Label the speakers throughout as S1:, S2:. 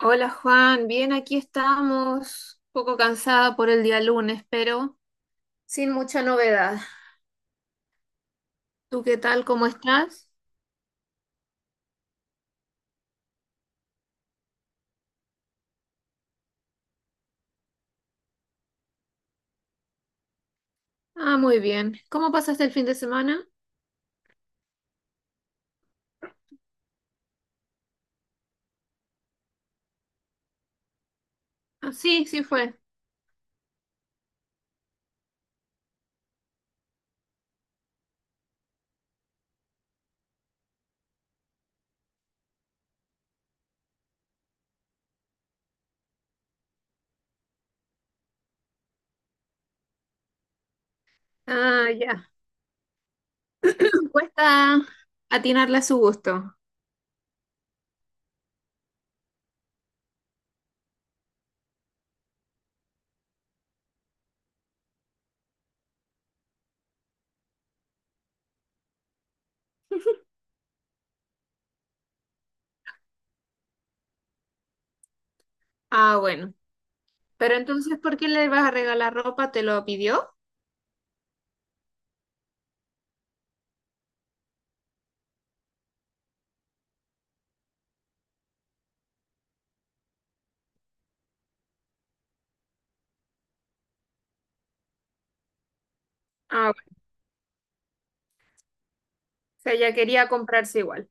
S1: Hola Juan, bien, aquí estamos, un poco cansada por el día lunes, pero sin mucha novedad. ¿Tú qué tal? ¿Cómo estás? Ah, muy bien. ¿Cómo pasaste el fin de semana? Ah, sí, sí fue. Ah, ya. Cuesta atinarle a su gusto. Ah, bueno. Pero entonces, ¿por qué le vas a regalar ropa? ¿Te lo pidió? Ah, bueno. O sea, ella quería comprarse igual.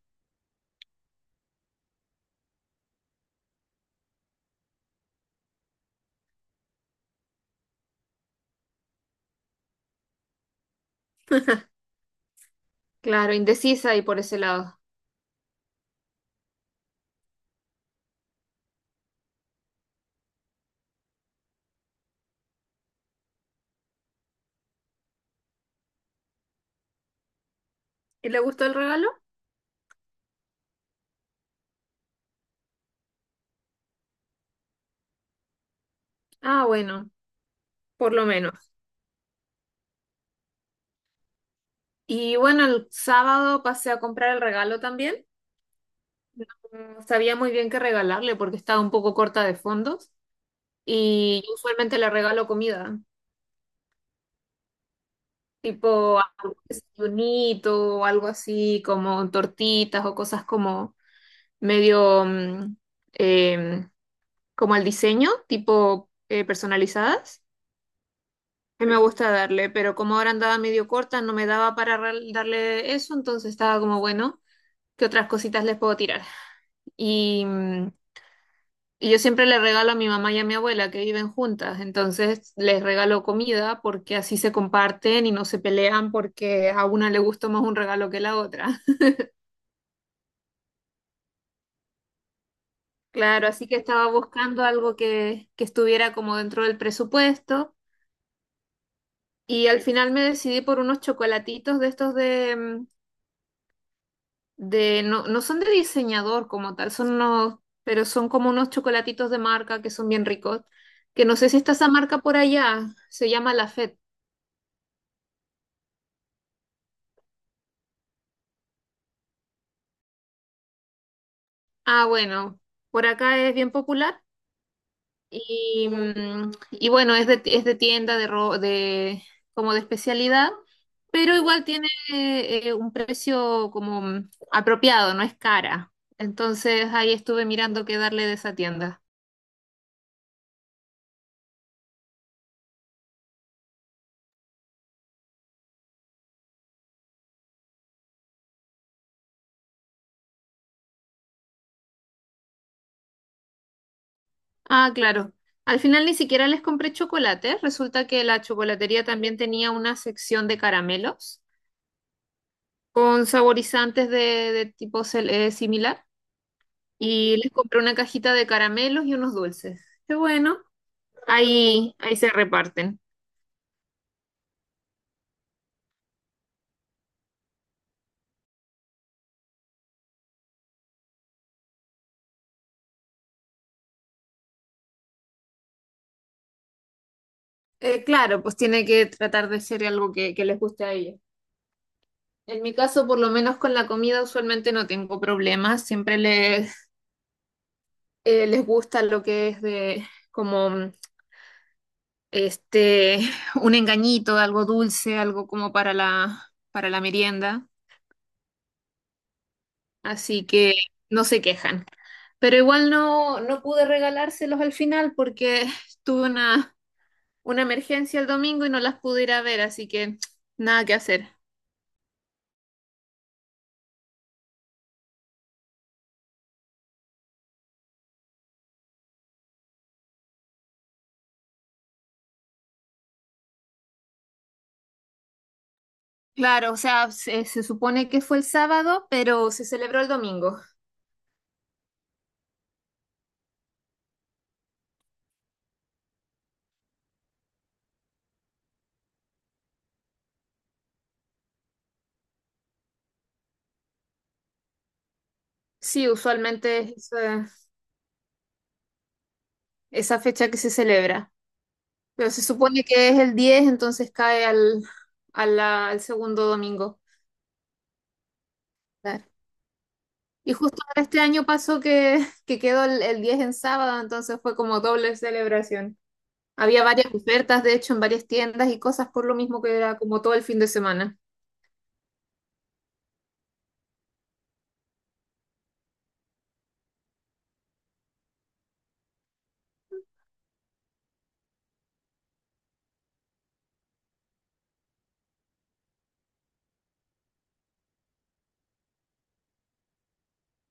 S1: Claro, indecisa y por ese lado. ¿Y le gustó el regalo? Ah, bueno, por lo menos. Y bueno, el sábado pasé a comprar el regalo también. No sabía muy bien qué regalarle porque estaba un poco corta de fondos. Y yo usualmente le regalo comida, tipo algún desayunito o algo así, como tortitas o cosas como medio em, como al diseño, tipo personalizadas. Que me gusta darle, pero como ahora andaba medio corta, no me daba para darle eso, entonces estaba como bueno, ¿qué otras cositas les puedo tirar? Y. mm, Y yo siempre le regalo a mi mamá y a mi abuela que viven juntas, entonces les regalo comida porque así se comparten y no se pelean porque a una le gustó más un regalo que la otra. Claro, así que estaba buscando algo que estuviera como dentro del presupuesto y al final me decidí por unos chocolatitos de estos de no, no son de diseñador como tal, son unos, pero son como unos chocolatitos de marca que son bien ricos, que no sé si está esa marca por allá, se llama La. Ah, bueno, por acá es bien popular y bueno, es de tienda, de como de especialidad, pero igual tiene un precio como apropiado, no es cara. Entonces ahí estuve mirando qué darle de esa tienda. Ah, claro. Al final ni siquiera les compré chocolate. Resulta que la chocolatería también tenía una sección de caramelos con saborizantes de tipo similar. Y les compré una cajita de caramelos y unos dulces. Qué bueno, ahí se reparten. Claro, pues tiene que tratar de ser algo que les guste a ellos. En mi caso, por lo menos con la comida, usualmente no tengo problemas. Siempre les gusta lo que es de como este un engañito, algo dulce, algo como para la merienda. Así que no se quejan. Pero igual no pude regalárselos al final porque tuve una emergencia el domingo y no las pude ir a ver, así que nada que hacer. Claro, o sea, se supone que fue el sábado, pero se celebró el domingo. Sí, usualmente es esa fecha que se celebra. Pero se supone que es el 10, entonces cae al segundo domingo. Claro. Y justo ahora este año pasó que quedó el 10 en sábado, entonces fue como doble celebración. Había varias ofertas, de hecho, en varias tiendas y cosas por lo mismo que era como todo el fin de semana.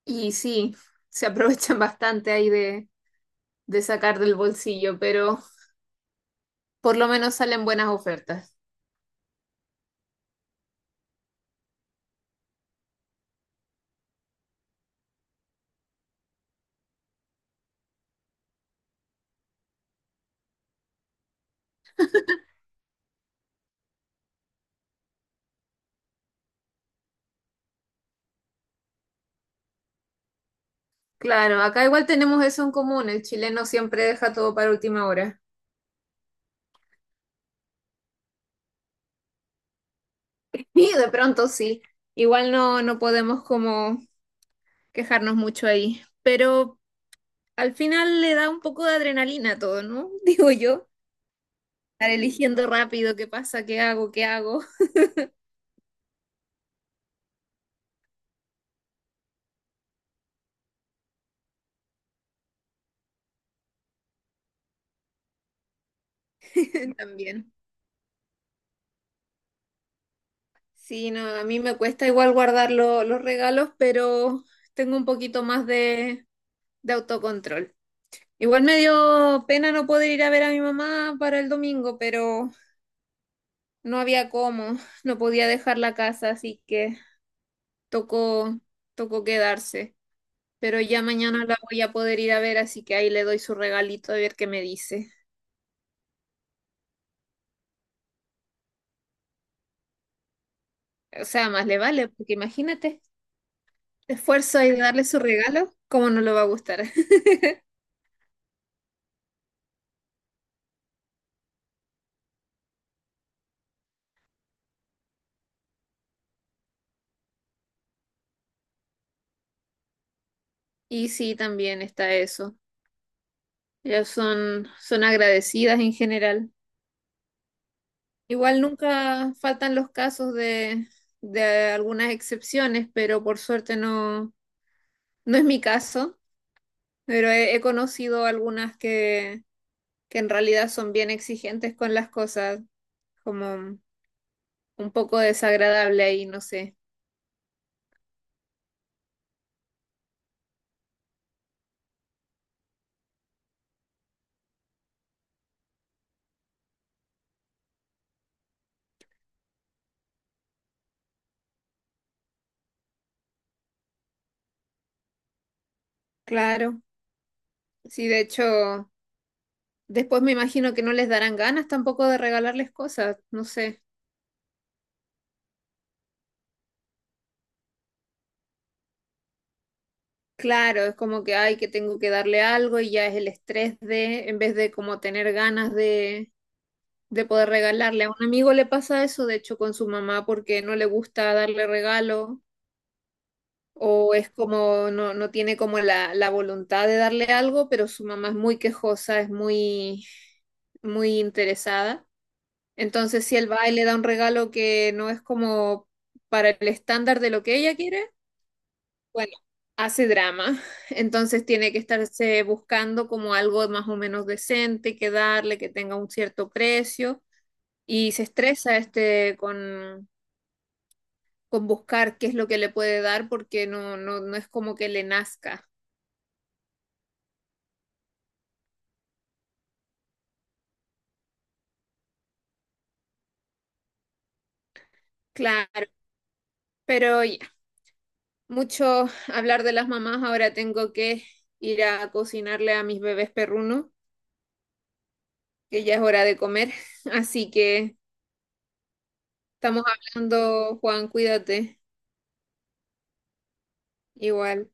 S1: Y sí, se aprovechan bastante ahí de sacar del bolsillo, pero por lo menos salen buenas ofertas. Claro, acá igual tenemos eso en común, el chileno siempre deja todo para última hora. Y de pronto sí, igual no podemos como quejarnos mucho ahí, pero al final le da un poco de adrenalina a todo, ¿no? Digo yo, estar eligiendo rápido qué pasa, qué hago, qué hago. También, sí, no, a mí me cuesta igual guardar los regalos, pero tengo un poquito más de autocontrol. Igual me dio pena no poder ir a ver a mi mamá para el domingo, pero no había cómo, no podía dejar la casa, así que tocó, quedarse. Pero ya mañana la voy a poder ir a ver, así que ahí le doy su regalito a ver qué me dice. O sea, más le vale, porque imagínate, esfuerzo ahí de darle su regalo, cómo no le va a gustar. Y sí, también está eso. Ellas son agradecidas en general. Igual nunca faltan los casos de algunas excepciones, pero por suerte no es mi caso. Pero he conocido algunas que en realidad son bien exigentes con las cosas, como un poco desagradable ahí, no sé. Claro, sí, de hecho, después me imagino que no les darán ganas tampoco de regalarles cosas, no sé. Claro, es como que hay que tengo que darle algo y ya es el estrés de, en vez de como tener ganas de, poder regalarle. A un amigo le pasa eso, de hecho, con su mamá, porque no le gusta darle regalo o es como, no tiene como la voluntad de darle algo, pero su mamá es muy quejosa, es muy, muy interesada. Entonces, si él va y le da un regalo que no es como para el estándar de lo que ella quiere, bueno, hace drama, entonces tiene que estarse buscando como algo más o menos decente que darle, que tenga un cierto precio y se estresa este con buscar qué es lo que le puede dar porque no es como que le nazca. Claro, pero ya, mucho hablar de las mamás, ahora tengo que ir a cocinarle a mis bebés perrunos, que ya es hora de comer. Así que estamos hablando, Juan, cuídate, igual.